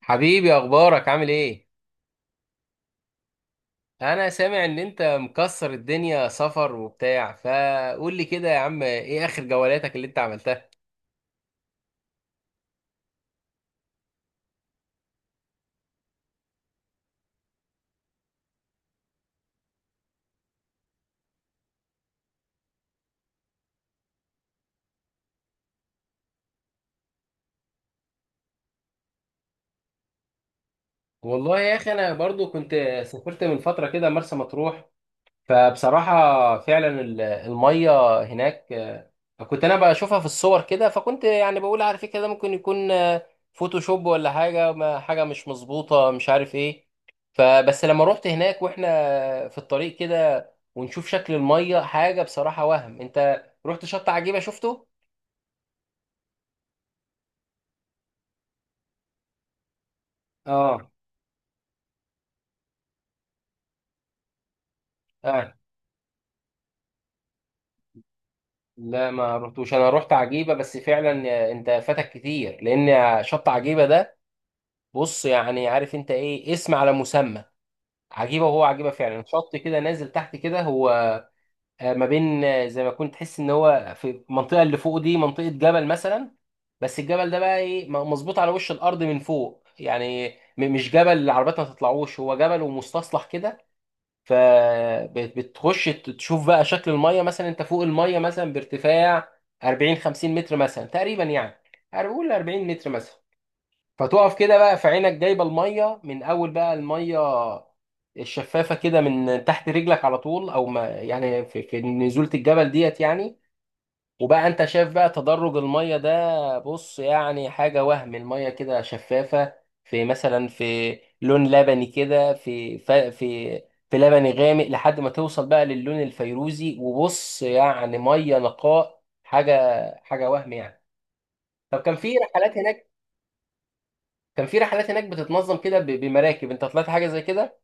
حبيبي اخبارك عامل ايه؟ انا سامع ان انت مكسر الدنيا سفر وبتاع، فقول لي كده يا عم ايه اخر جولاتك اللي انت عملتها؟ والله يا اخي انا برضو كنت سافرت من فتره كده مرسى مطروح. فبصراحة فعلا المية هناك، كنت أنا بشوفها في الصور كده، فكنت يعني بقول على فكرة ده ممكن يكون، فوتوشوب ولا حاجة، حاجة مش مظبوطة، مش عارف إيه. فبس لما روحت هناك وإحنا في الطريق كده ونشوف شكل المية، حاجة بصراحة وهم. أنت رحت شط عجيبة شفته؟ اه آه لا، ما رحتوش. أنا رحت عجيبة، بس فعلا، أنت فاتك كتير لأن شط عجيبة ده، بص يعني عارف أنت إيه، اسم على مسمى. عجيبه، وهو عجيبه فعلا، شط كده نازل تحت كده، هو ما بين، زي ما كنت تحس ان هو في المنطقه اللي فوق دي منطقه جبل مثلا. بس الجبل ده بقى ايه، مظبوط على وش الارض من فوق يعني. مش جبل العربيات ما تطلعوش، هو جبل ومستصلح كده. فبتخش تشوف بقى شكل الميه، مثلا انت فوق الميه مثلا بارتفاع 40 50 متر مثلا تقريبا يعني، هنقول 40 متر مثلا. فتقف كده بقى في عينك جايبه الميه من اول، بقى الميه الشفافه كده من تحت رجلك على طول، او ما يعني في نزوله الجبل ديت يعني. وبقى انت شايف بقى تدرج الميه ده، بص يعني حاجه وهم. الميه كده شفافه، في مثلا، في لون لبني كده، في في لبني غامق لحد ما توصل بقى للون الفيروزي. وبص يعني ميه نقاء، حاجه حاجه وهم يعني. طب كان في رحلات هناك؟ كان في رحلات هناك بتتنظم كده بمراكب؟ انت طلعت حاجه زي كده؟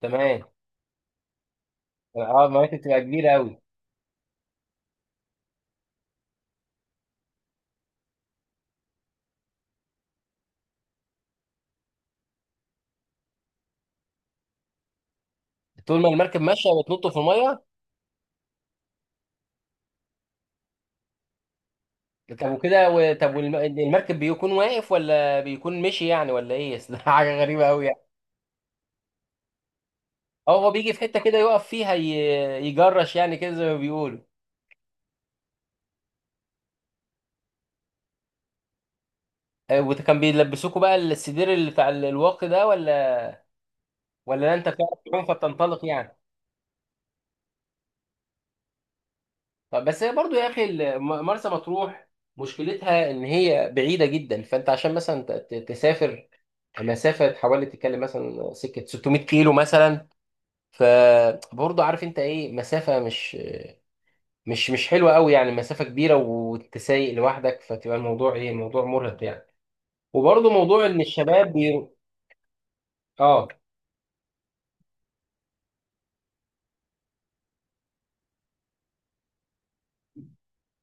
تمام. اه المراكب بتبقى كبيره قوي. طول ما المركب ماشيه بتنطوا في الميه؟ طب وكده طب المركب بيكون واقف ولا بيكون مشي يعني ولا ايه؟ أصل ده حاجه غريبه قوي يعني. اه هو بيجي في حته كده يقف فيها، يجرش يعني كده زي ما بيقولوا. وكان بيلبسوكوا بقى السدير اللي بتاع الواقي ده، ولا انت بتعرف تعوم فبتنطلق يعني؟ طب بس هي برضو يا اخي، مرسى مطروح مشكلتها ان هي بعيده جدا، فانت عشان مثلا تسافر مسافة حوالي، تتكلم مثلا سكة 600 كيلو مثلا، فبرضه عارف انت ايه، مسافة مش حلوة قوي يعني، مسافة كبيرة وانت سايق لوحدك، فتبقى الموضوع ايه، موضوع مرهق يعني. وبرضه موضوع ان الشباب بي... اه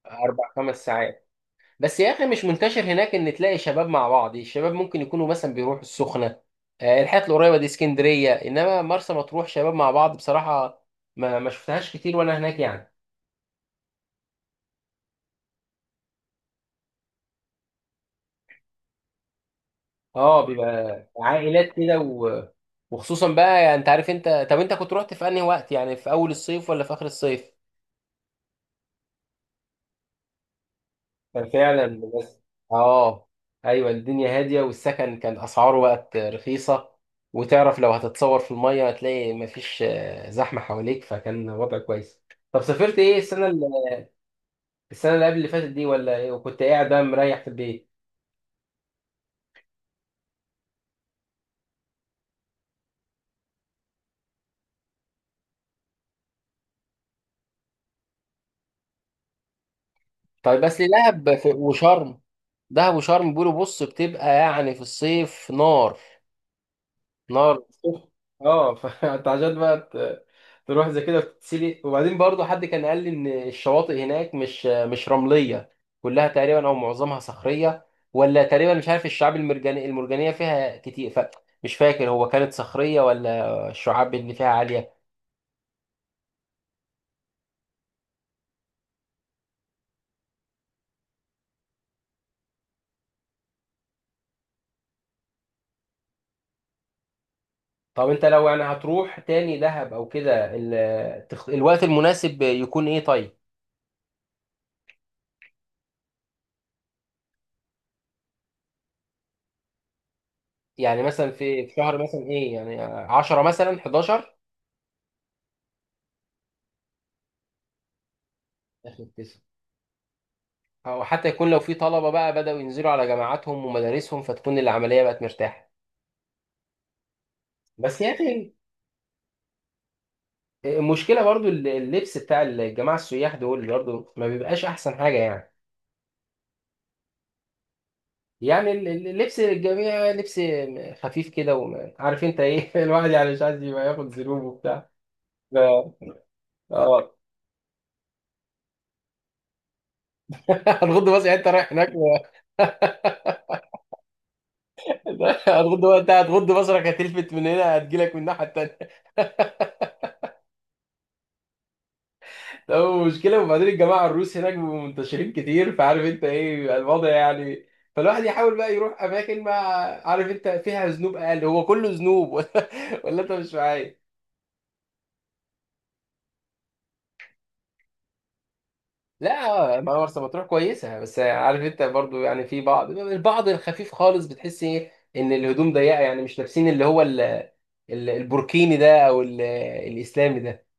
اربع خمس ساعات. بس يا اخي مش منتشر هناك ان تلاقي شباب مع بعض. الشباب ممكن يكونوا مثلا بيروحوا السخنة، الحتت القريبة دي، اسكندرية، انما مرسى مطروح شباب مع بعض، بصراحة ما شفتهاش كتير وانا هناك يعني. اه بيبقى عائلات كده و... وخصوصا بقى، يعني انت عارف. انت طب انت كنت رحت في انهي وقت يعني، في اول الصيف ولا في اخر الصيف؟ كان فعلا بس اه. ايوه الدنيا هاديه، والسكن كان اسعاره بقت رخيصه. وتعرف لو هتتصور في الميه هتلاقي مفيش زحمه حواليك، فكان وضع كويس. طب سافرت ايه السنه اللي... السنه اللي قبل اللي فاتت دي، ولا ايه وكنت قاعد بقى مريح في البيت؟ طيب بس لي دهب وشرم. دهب وشرم بيقولوا بص بتبقى يعني في الصيف نار، نار الصبح. اه فانت عشان بقى تروح زي كده وتتسلق. وبعدين برضه حد كان قال لي ان الشواطئ هناك مش رمليه، كلها تقريبا او معظمها صخريه، ولا تقريبا، مش عارف، الشعاب المرجانيه المرجانيه فيها كتير. فمش فاكر هو كانت صخريه ولا الشعاب اللي فيها عاليه. طب انت لو يعني هتروح تاني دهب او كده، الوقت المناسب يكون ايه طيب؟ يعني مثلا في شهر مثلا ايه يعني 10، مثلا 11، او حتى يكون لو في طلبه بقى بداوا ينزلوا على جامعاتهم ومدارسهم، فتكون العمليه بقت مرتاحه. بس يا اخي المشكله برضو، اللبس بتاع الجماعه السياح دول برضو ما بيبقاش احسن حاجه يعني. يعني اللبس، الجميع لبس خفيف كده، وعارف انت ايه، الواحد يعني مش عايز يبقى ياخد ذنوب وبتاع. ف- اه. هتغض بصرك يعني، انت رايح هناك و... هتغض بقى، انت هتغض بصرك، هتلفت من هنا هتجيلك من الناحيه التانيه. لا مشكلة. وبعدين الجماعة الروس هناك بيبقوا منتشرين كتير، فعارف انت ايه بيبقى الوضع يعني. فالواحد يحاول بقى يروح اماكن ما عارف انت فيها ذنوب اقل. هو كله ذنوب ولا انت مش معايا؟ لا ما مرسى مطروح كويسة، بس عارف انت برضو يعني في بعض، البعض الخفيف خالص بتحس ايه ان الهدوم ضيقة، يعني مش لابسين اللي هو البوركيني ده، او الاسلامي ده.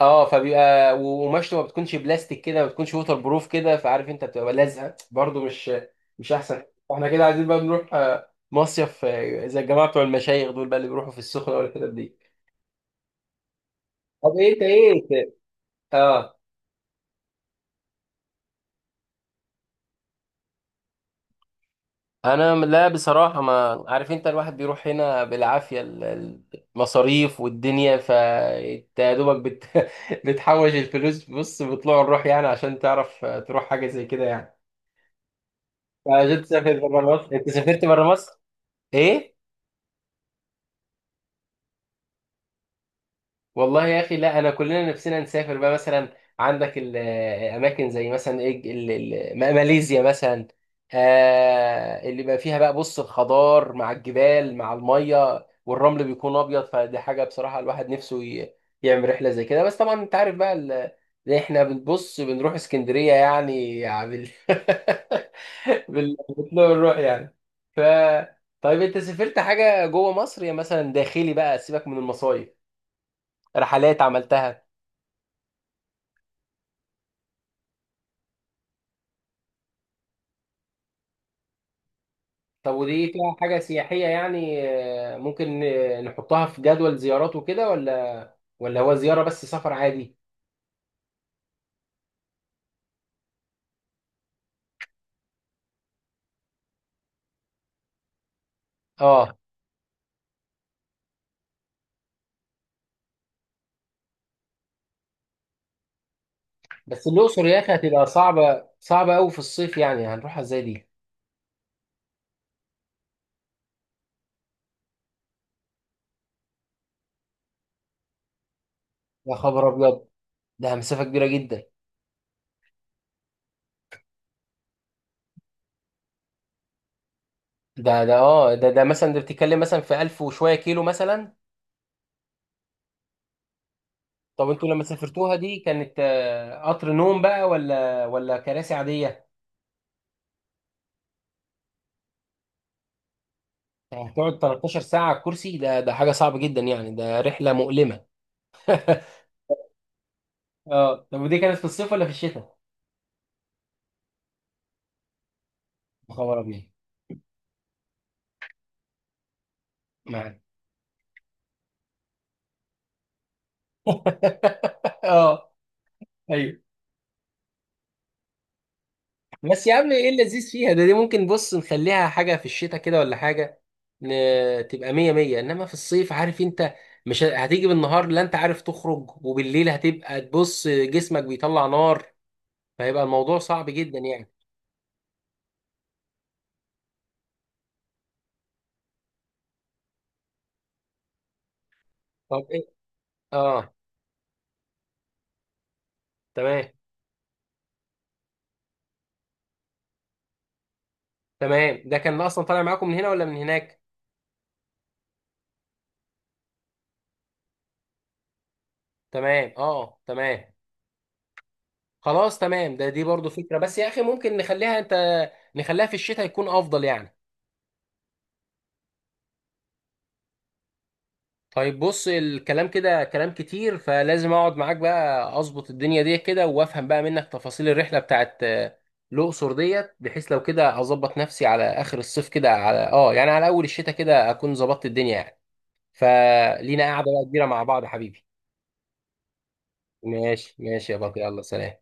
اه فبيبقى، وقماشته ما بتكونش بلاستيك كده، ما بتكونش ووتر بروف كده، فعارف انت بتبقى لازقه برضه، مش احسن. احنا كده عايزين بقى نروح، مصيف، زي الجماعه بتوع المشايخ دول بقى اللي بيروحوا في السخنه والحتت دي. طب إيه انت ايه؟ اه انا لا بصراحه، ما عارف انت، الواحد بيروح هنا بالعافيه، المصاريف والدنيا، فانت يا دوبك بت... بتحوش الفلوس بص بطلوع الروح يعني، عشان تعرف تروح حاجه زي كده يعني، عشان تسافر بره مصر. انت سافرت بره مصر؟ ايه؟ والله يا اخي لا، انا كلنا نفسنا نسافر بقى. مثلا عندك الاماكن زي مثلا ايه، ماليزيا مثلا، آه اللي بقى فيها بقى، بص الخضار مع الجبال مع الميه، والرمل بيكون ابيض، فدي حاجه بصراحه الواحد نفسه يعمل رحله زي كده. بس طبعا انت عارف بقى احنا بنبص بنروح اسكندريه يعني، يعني بال بال بنروح يعني ف. طيب انت سافرت حاجه جوه مصر، يا مثلا داخلي بقى، سيبك من المصايف، رحلات عملتها؟ طب ودي فيها حاجة سياحية يعني، ممكن نحطها في جدول زيارات وكده، ولا هو زيارة بس سفر عادي؟ اه. بس الأقصر يا أخي هتبقى صعبة، صعبة أوي في الصيف، يعني هنروحها ازاي دي؟ يا خبر أبيض، ده مسافة كبيرة جدا. ده اه، ده مثلا، ده بتتكلم مثلا في ألف وشوية كيلو مثلا. طب انتوا لما سافرتوها دي كانت، قطر نوم بقى، ولا كراسي عادية؟ يعني هتقعد 13 ساعة على الكرسي، ده ده حاجة صعبة جدا يعني، ده رحلة مؤلمة. اه طب ودي كانت في الصيف ولا في الشتاء؟ يا خبر ابيض. معاك. اه ايوه. بس يا عم ايه اللذيذ فيها ده، دي ممكن بص نخليها حاجه في الشتاء كده، ولا حاجه ن... تبقى مية مية، انما في الصيف عارف انت، مش ه- هتيجي بالنهار لا انت عارف تخرج، وبالليل هتبقى تبص جسمك بيطلع نار، فهيبقى الموضوع صعب جدا يعني. طب ايه؟ اه تمام. تمام ده كان اصلا طالع معاكم من هنا ولا من هناك؟ تمام اه تمام. خلاص تمام ده، دي برضو فكرة، بس يا أخي ممكن نخليها، أنت نخليها في الشتاء يكون أفضل يعني. طيب بص الكلام كده كلام كتير، فلازم أقعد معاك بقى أظبط الدنيا دي كده، وأفهم بقى منك تفاصيل الرحلة بتاعت الأقصر ديت، بحيث لو كده أظبط نفسي على آخر الصيف كده، على أه يعني على أول الشتاء كده، أكون ظبطت الدنيا يعني، فلينا قاعدة بقى كبيرة مع بعض يا حبيبي. ماشي ماشي يا بطل يلا سلام.